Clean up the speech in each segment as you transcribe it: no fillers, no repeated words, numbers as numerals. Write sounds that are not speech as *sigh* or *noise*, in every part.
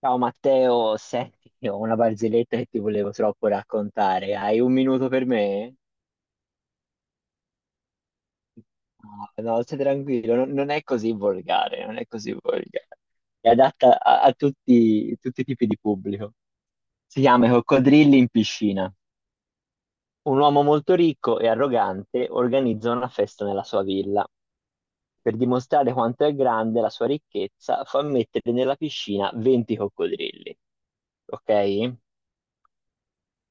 Ciao Matteo, senti, *laughs* ho una barzelletta che ti volevo troppo raccontare. Hai un minuto per me? No, no, stai tranquillo, non è così volgare, non è così volgare. È adatta a tutti, tutti i tipi di pubblico. Si chiama I Coccodrilli in piscina. Un uomo molto ricco e arrogante organizza una festa nella sua villa. Per dimostrare quanto è grande la sua ricchezza, fa mettere nella piscina 20 coccodrilli. Ok?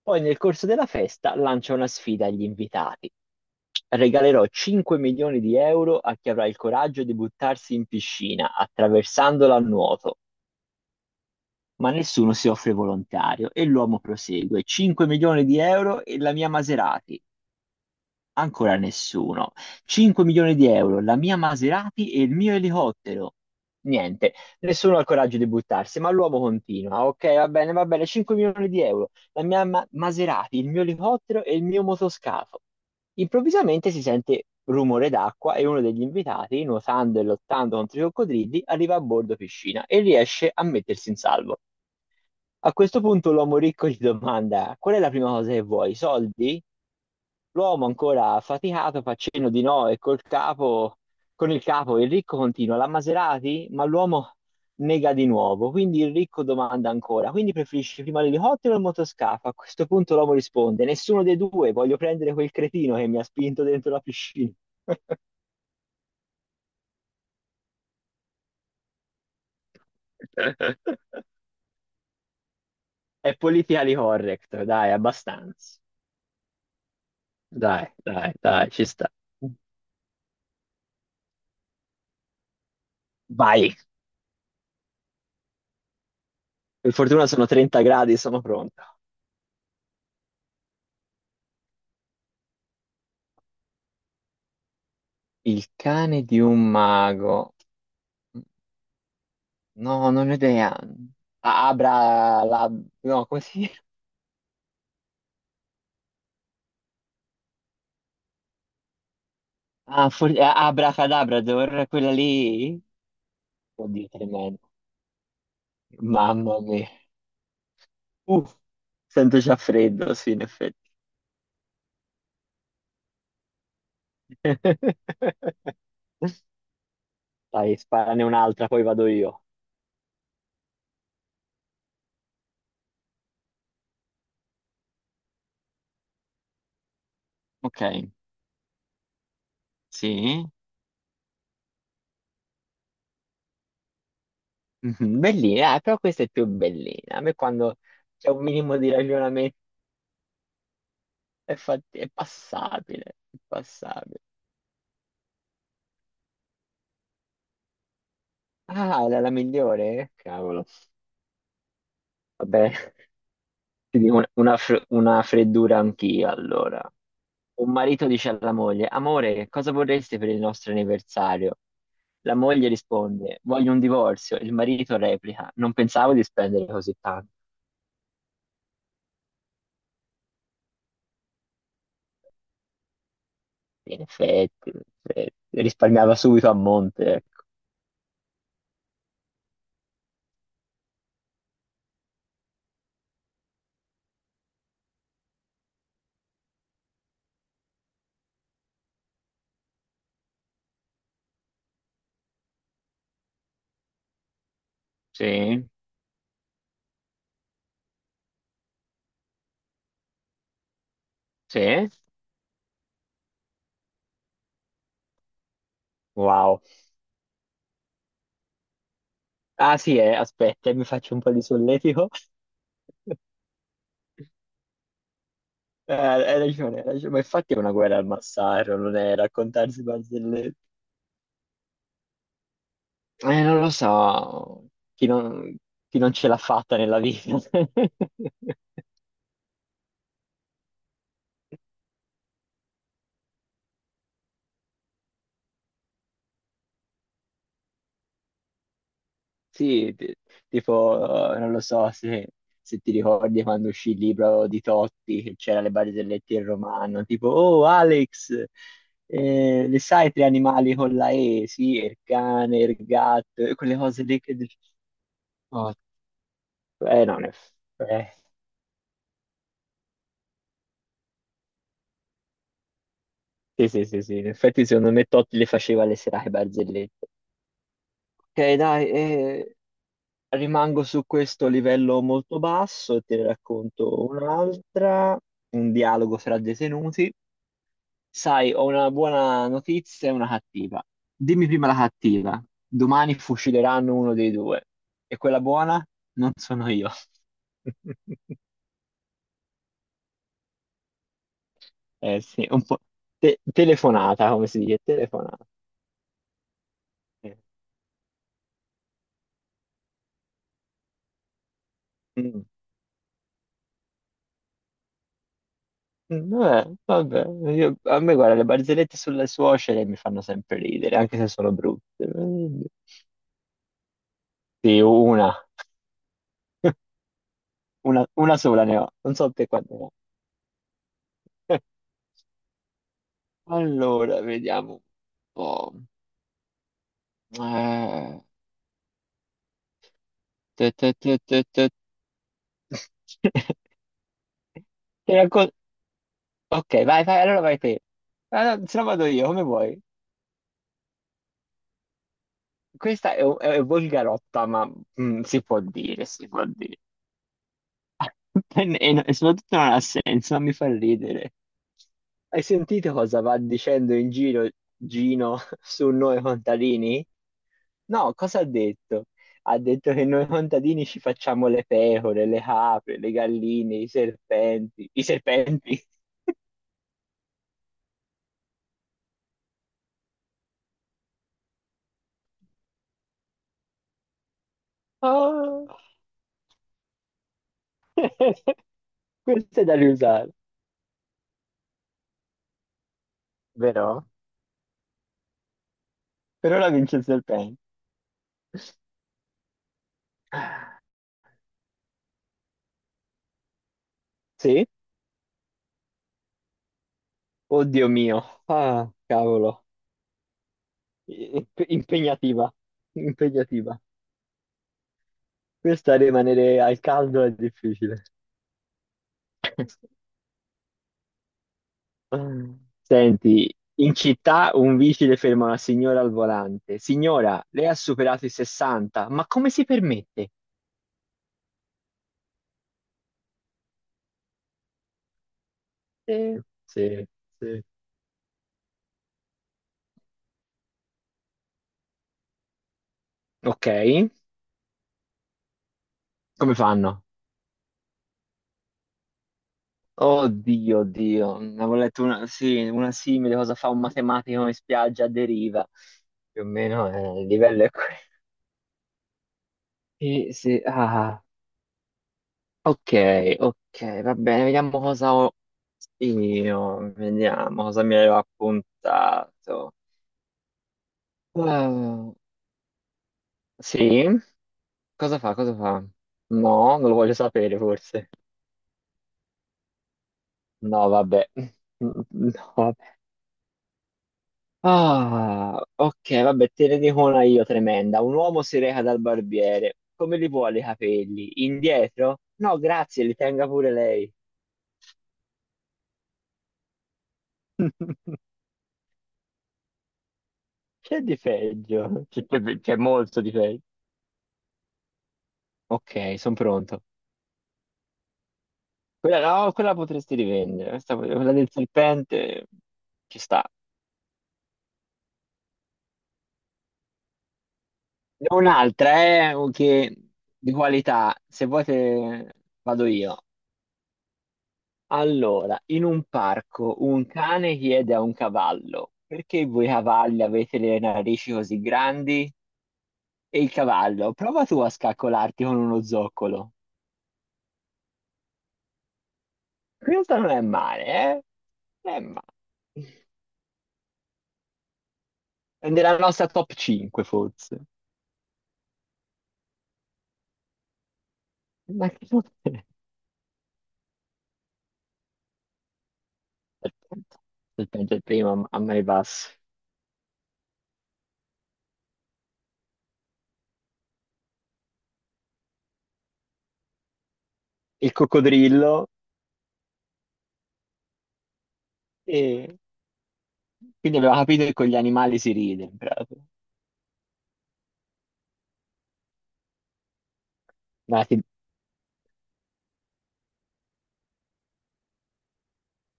Poi nel corso della festa lancia una sfida agli invitati. Regalerò 5 milioni di euro a chi avrà il coraggio di buttarsi in piscina attraversandola a nuoto. Ma nessuno si offre volontario e l'uomo prosegue. 5 milioni di euro e la mia Maserati. Ancora nessuno. 5 milioni di euro, la mia Maserati e il mio elicottero. Niente, nessuno ha il coraggio di buttarsi, ma l'uomo continua. Ok, va bene, 5 milioni di euro, la mia Maserati, il mio elicottero e il mio motoscafo. Improvvisamente si sente rumore d'acqua e uno degli invitati, nuotando e lottando contro i coccodrilli, arriva a bordo piscina e riesce a mettersi in salvo. A questo punto l'uomo ricco gli domanda: Qual è la prima cosa che vuoi? Soldi? L'uomo ancora affaticato fa cenno di no e col capo, con il capo il ricco continua: La Maserati? Ma l'uomo nega di nuovo. Quindi il ricco domanda ancora: Quindi preferisci prima l'elicottero o il motoscafo? A questo punto l'uomo risponde: Nessuno dei due, voglio prendere quel cretino che mi ha spinto dentro la piscina. *laughs* È politically correct, dai, abbastanza. Dai, dai, dai, ci sta. Vai. Per fortuna sono 30 gradi, sono pronto. Il cane di un mago. No, non ho idea. Abra, la, no, come si Ah, Abracadabrador, quella lì? Oddio, tremendo. Mamma mia. Uff, sento già freddo, sì, in effetti. *laughs* Dai, sparane un'altra, poi vado io. Ok, sì. Mhm, Bellina, però questa è più bellina. A me quando c'è un minimo di ragionamento è, è passabile, è passabile. Ah, era la migliore? Cavolo. Vabbè, ti dico una freddura anch'io, allora. Un marito dice alla moglie, amore, cosa vorresti per il nostro anniversario? La moglie risponde, voglio un divorzio. Il marito replica, non pensavo di spendere così tanto. In effetti, in effetti. Risparmiava subito a monte, ecco. Sì, sì. Wow. Ah, sì, aspetta, mi faccio un po' di solletico. *laughs* Hai ragione, ma infatti è una guerra al massacro, non è raccontarsi barzellette. Non lo so, chi non, chi non ce l'ha fatta nella vita. *laughs* Sì, tipo, non lo so se ti ricordi quando uscì il libro di Totti, che c'era le barzellette in romano, tipo, oh Alex, le sai tre animali con la E? Sì, il cane, il gatto, e quelle cose lì che dici, "Oh, non è... Sì, sì, sì, sì, in effetti secondo me Totti le faceva le serate barzellette. Ok, dai, rimango su questo livello molto basso e te ne racconto un'altra, un dialogo tra detenuti. Sai, ho una buona notizia e una cattiva. Dimmi prima la cattiva. Domani fucileranno uno dei due. E quella buona? Non sono io. *laughs* Eh sì, un po' telefonata, come si dice, telefonata. Eh. Mm. Vabbè, vabbè, a me guarda, le barzellette sulle suocere mi fanno sempre ridere, anche se sono brutte. Sì, una, *laughs* una sola ne ho, non so te quante ne ho. *laughs* Allora, vediamo un po'. Eh, te. *laughs* Ti raccon- Ok, vai, vai, allora vai te. Ah, no, se no vado io, come vuoi. Questa è volgarotta, ma si può dire, si può dire. *laughs* E soprattutto non ha senso, ma mi fa ridere. Hai sentito cosa va dicendo in giro Gino *laughs* su noi contadini? No, cosa ha detto? Ha detto che noi contadini ci facciamo le pecore, le capre, le galline, i serpenti. I serpenti? Ah, *laughs* questo è da riusare, vero? Per ora vince il serpente. Sì? Oddio mio. Ah, cavolo. Impegnativa. Impegnativa. Questa rimanere al caldo è difficile. *laughs* Senti, in città un vigile ferma una signora al volante. Signora, lei ha superato i 60, ma come si permette? Sì, sì, sì. Ok, come fanno? Oddio, oddio, ne avevo letto una, sì, una simile, cosa fa un matematico in spiaggia a deriva. Più o meno il livello è quello. Sì, sì, ah, ok, ok, va bene, vediamo cosa ho io, vediamo cosa mi avevo appuntato. Eh, sì? Cosa fa? Cosa fa? No, non lo voglio sapere forse. No, vabbè. *laughs* No, vabbè. Ah, ok, vabbè, te ne dico una io tremenda. Un uomo si reca dal barbiere. Come li vuole i capelli? Indietro? No, grazie, li tenga pure lei. *laughs* C'è di peggio. C'è molto di peggio. Ok, sono pronto. Quella, no, quella potresti rivendere. Quella del serpente ci sta. Ne ho un'altra è che di qualità, se vuoi vado io. Allora, in un parco un cane chiede a un cavallo, perché voi cavalli avete le narici così grandi? E il cavallo, prova tu a scaccolarti con uno zoccolo. Questa non è male, eh? Non è male. È nella nostra top 5 forse. Ma che cos'è? Aspetta, aspetta, il primo a mani basse. Il coccodrillo. E quindi abbiamo capito che con gli animali si ride, in pratica. Dai, ti-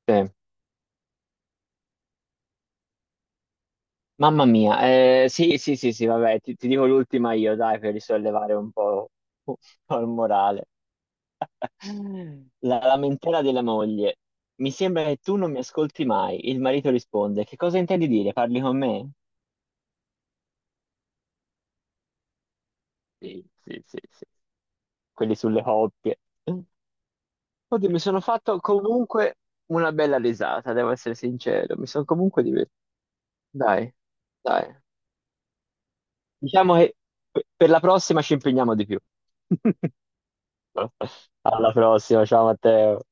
eh, Mamma mia, sì, sì, sì, sì, vabbè, ti dico l'ultima io, dai, per risollevare un po' il morale. La lamentela della moglie. Mi sembra che tu non mi ascolti mai. Il marito risponde, che cosa intendi dire? Parli con me? Sì, sì, sì, sì. Quelli sulle coppie. Oddio, mi sono fatto comunque una bella risata, devo essere sincero. Mi sono comunque divertito. Dai, dai. Diciamo che per la prossima ci impegniamo di più. *laughs* Alla prossima, ciao Matteo.